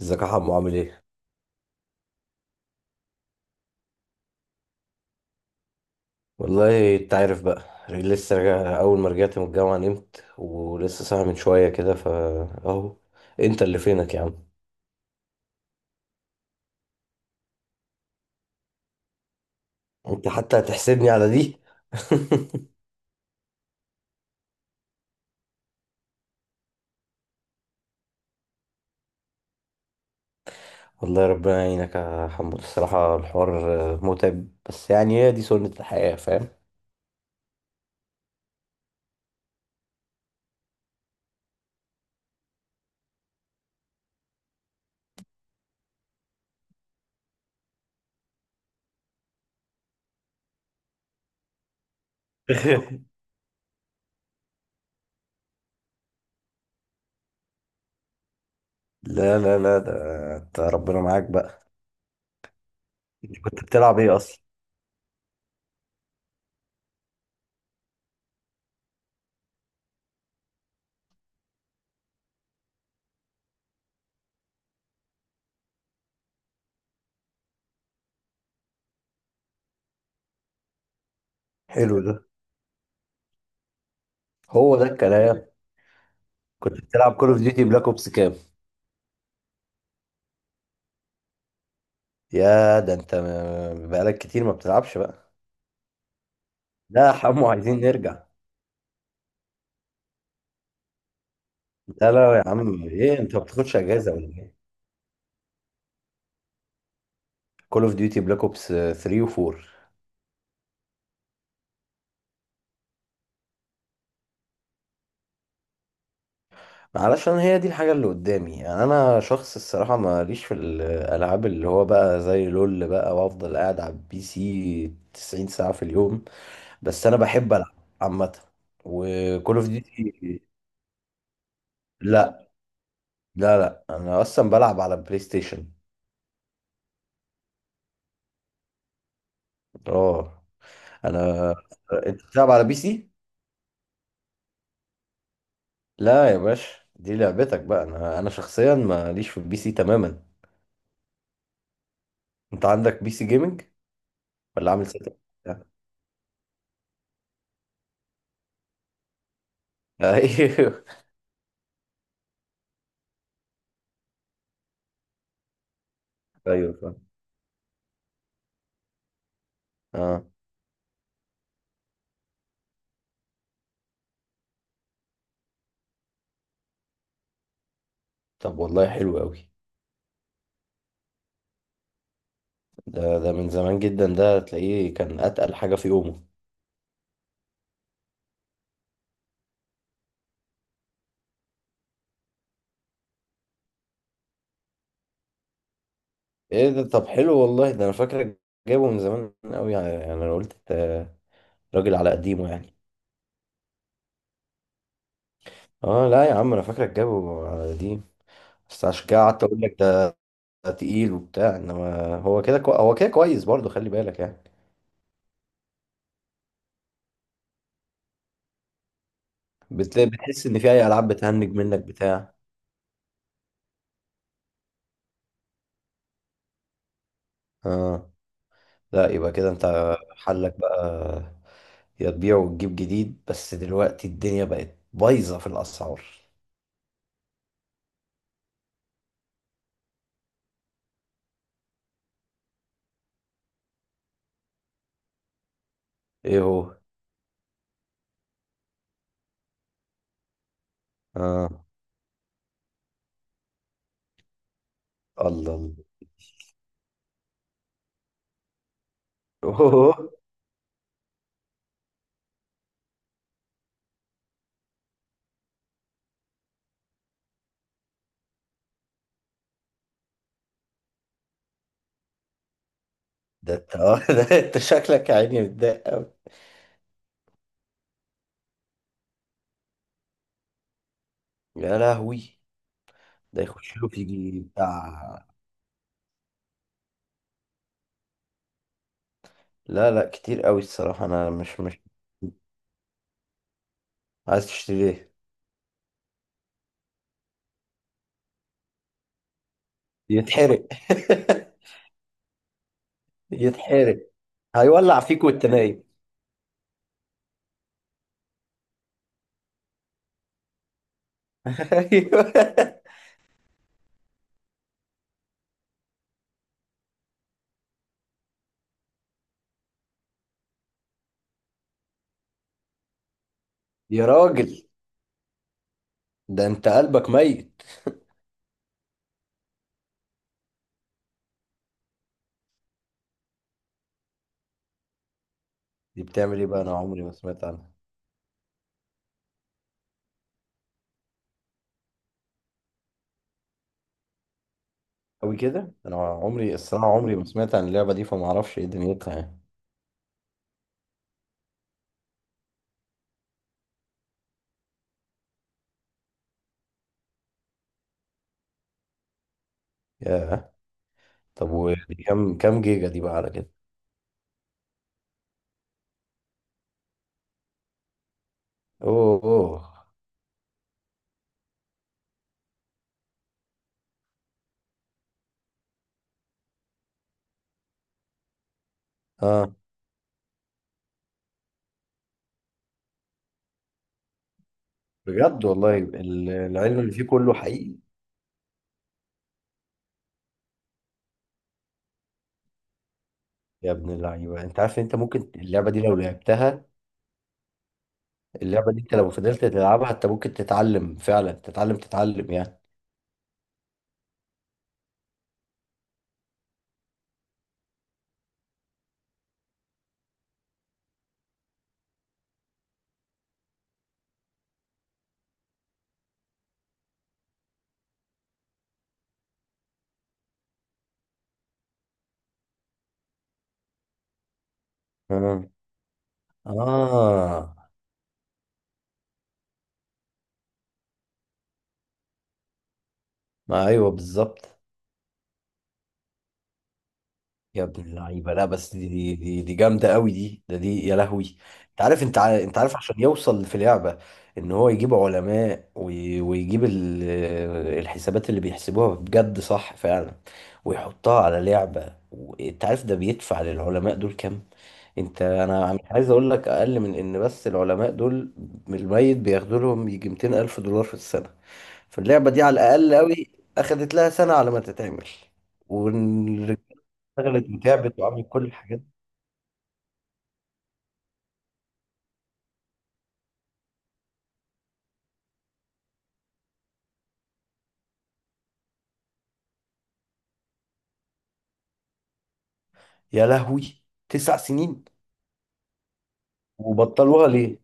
ازيك يا حمو، عامل ايه؟ والله انت عارف بقى. لسه راجع، اول ما رجعت من الجامعة نمت، ولسه صاحي من شوية كده. اهو. انت اللي فينك يا عم. انت حتى هتحسدني على دي. والله ربنا يعينك يا حمو، الصراحة الحوار متعب، بس يعني هي دي سنة الحياة، فاهم؟ لا لا لا، ده انت ربنا معاك بقى. انت كنت بتلعب ايه اصلا؟ حلو ده. هو ده الكلام. كنت بتلعب كول اوف ديوتي بلاك اوبس كام؟ يا ده انت بقالك كتير ما بتلعبش بقى. لا يا حمو، عايزين نرجع. لا لا، يا عم ايه، انت ما بتاخدش اجازه ولا ايه؟ كول اوف ديوتي بلاك اوبس 3 و4. معلش، انا هي دي الحاجه اللي قدامي، يعني انا شخص الصراحه ماليش في الالعاب اللي هو بقى زي لول بقى، وافضل قاعد على البي سي 90 ساعه في اليوم. بس انا بحب العب عامه، وكول اوف ديوتي. لا لا لا، انا اصلا بلعب على بلاي ستيشن. اه انا. انت بتلعب على بي سي؟ لا يا باشا، دي لعبتك بقى، انا شخصيا ماليش في البي سي تماما. انت عندك بي سي جيمنج ولا عامل سيت اب؟ ايوه. ايوه، فاهم. اه طب والله حلو قوي. ده من زمان جدا، ده تلاقيه كان اتقل حاجه في يومه. ايه ده، طب حلو والله، ده انا فاكرك جايبه من زمان قوي يعني، يعني انا قلت، راجل على قديمه يعني. اه لا يا عم، انا فاكرك جايبه على قديم، بس عشان كده قعدت اقول لك ده. تقيل وبتاع، انما هو كده هو كده كويس برضه، خلي بالك يعني. بتلاقي بتحس ان في اي العاب بتهنج منك بتاع اه، لا يبقى كده انت حلك بقى: يا تبيع وتجيب جديد، بس دلوقتي الدنيا بقت بايظه في الاسعار. ايه هو؟ اه. الله الله. اوه. ده انت، ده انت شكلك يا عيني متضايق قوي. يا لهوي. ده يخش له في بتاع. لا لا، كتير قوي الصراحه، انا مش. عايز تشتري ايه؟ يتحرق. يتحرق. هيولع فيك وانت نايم. ايوه. يا راجل، ده انت قلبك ميت. دي بتعمل ايه بقى؟ انا عمري ما سمعت عنها. قوي كده. انا عمري الصراحه، عمري ما سمعت عن اللعبه دي، فما اعرفش ايه دنيتها يعني. ياه. طب ودي كام جيجا دي بقى على كده؟ اوه اوه. اه. بجد والله، العلم اللي فيه كله حقيقي. يا ابن اللعيبه، انت عارف ان انت ممكن اللعبه دي لو لعبتها. اللعبه دي انت لو فضلت تلعبها انت ممكن تتعلم فعلا، تتعلم يعني. اه اه. ما ايوه بالظبط. يا ابن اللعيبه، لا بس دي جامده قوي، دي ده دي، يا لهوي. انت عارف عشان يوصل في لعبه ان هو يجيب علماء ويجيب الحسابات اللي بيحسبوها بجد صح فعلا، ويحطها على لعبه، وانت عارف ده بيدفع للعلماء دول كام؟ انا مش عايز اقول لك، اقل من ان بس العلماء دول من الميت بياخدوا لهم يجي 200 الف دولار في السنه. فاللعبه دي على الاقل قوي اخدت لها سنه على ما تتعمل، والرجاله اشتغلت وتعبت وعملت كل الحاجات دي. يا لهوي. 9 سنين؟ وبطلوها ليه؟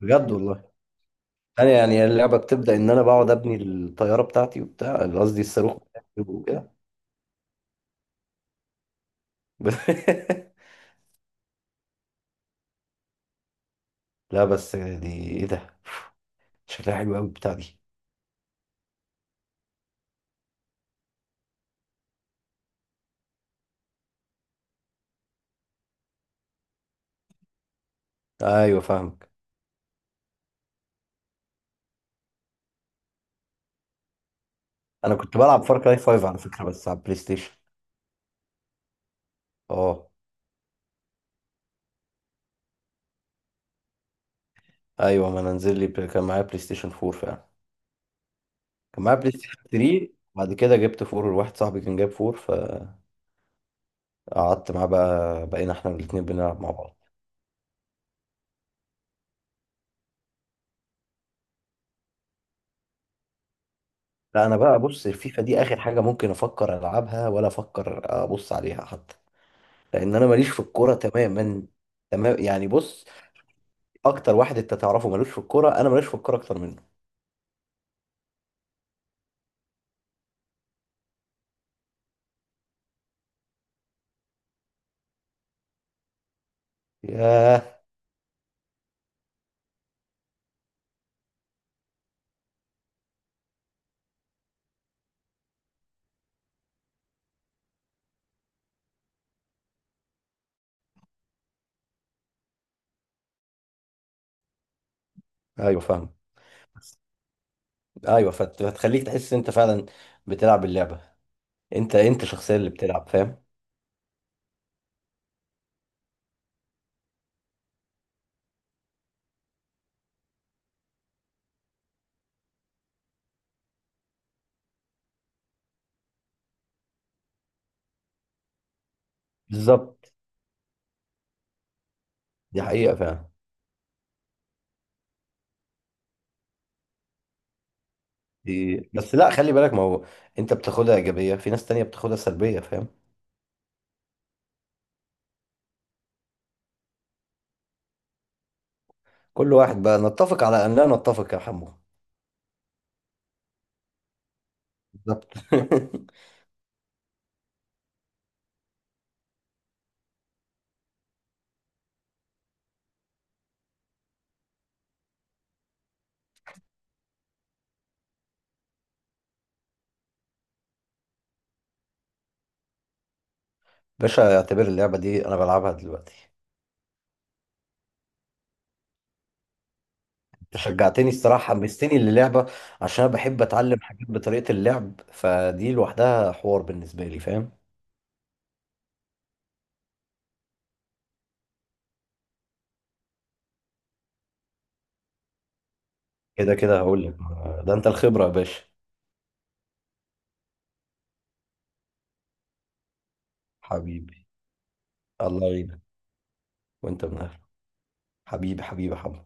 بجد والله. انا يعني اللعبه بتبدا ان انا بقعد ابني الطياره بتاعتي وبتاع، قصدي الصاروخ بتاعي وكده. لا بس دي ايه ده؟ شكلها حلو قوي البتاع دي. ايوه فاهمك. انا كنت بلعب فار كراي 5 على فكره، بس على البلاي ستيشن. اه ايوه، ما انا نزل لي كان معايا بلاي ستيشن 4 فعلا. كان معايا بلاي ستيشن 3، بعد كده جبت 4، واحد صاحبي كان جاب 4، فقعدت معاه بقى، بقينا احنا الاثنين بنلعب مع بعض. لا انا بقى، بص الفيفا دي اخر حاجه ممكن افكر العبها، ولا افكر ابص عليها حتى، لان انا ماليش في الكوره تماما. تمام يعني، بص، اكتر واحد انت تعرفه ملوش في الكوره، انا ماليش في الكوره اكتر منه. ياه. ايوه فاهم. ايوه، فتخليك تحس ان انت فعلا بتلعب اللعبه، انت الشخصيه اللي بتلعب، فاهم. بالظبط. دي حقيقه فعلا. بس لا خلي بالك، ما هو انت بتاخدها ايجابيه، في ناس تانية بتاخدها سلبيه، فاهم. كل واحد بقى، نتفق على ان لا نتفق يا حمو. بالظبط. باشا، اعتبر اللعبة دي أنا بلعبها دلوقتي. أنت شجعتني الصراحة، حمستني للعبة، عشان أنا بحب أتعلم حاجات بطريقة اللعب، فدي لوحدها حوار بالنسبة لي، فاهم. كده كده هقول لك. ده أنت الخبرة يا باشا. حبيبي. الله يعينك. وأنت من أهله. حبيبي حبيبي حبيبي.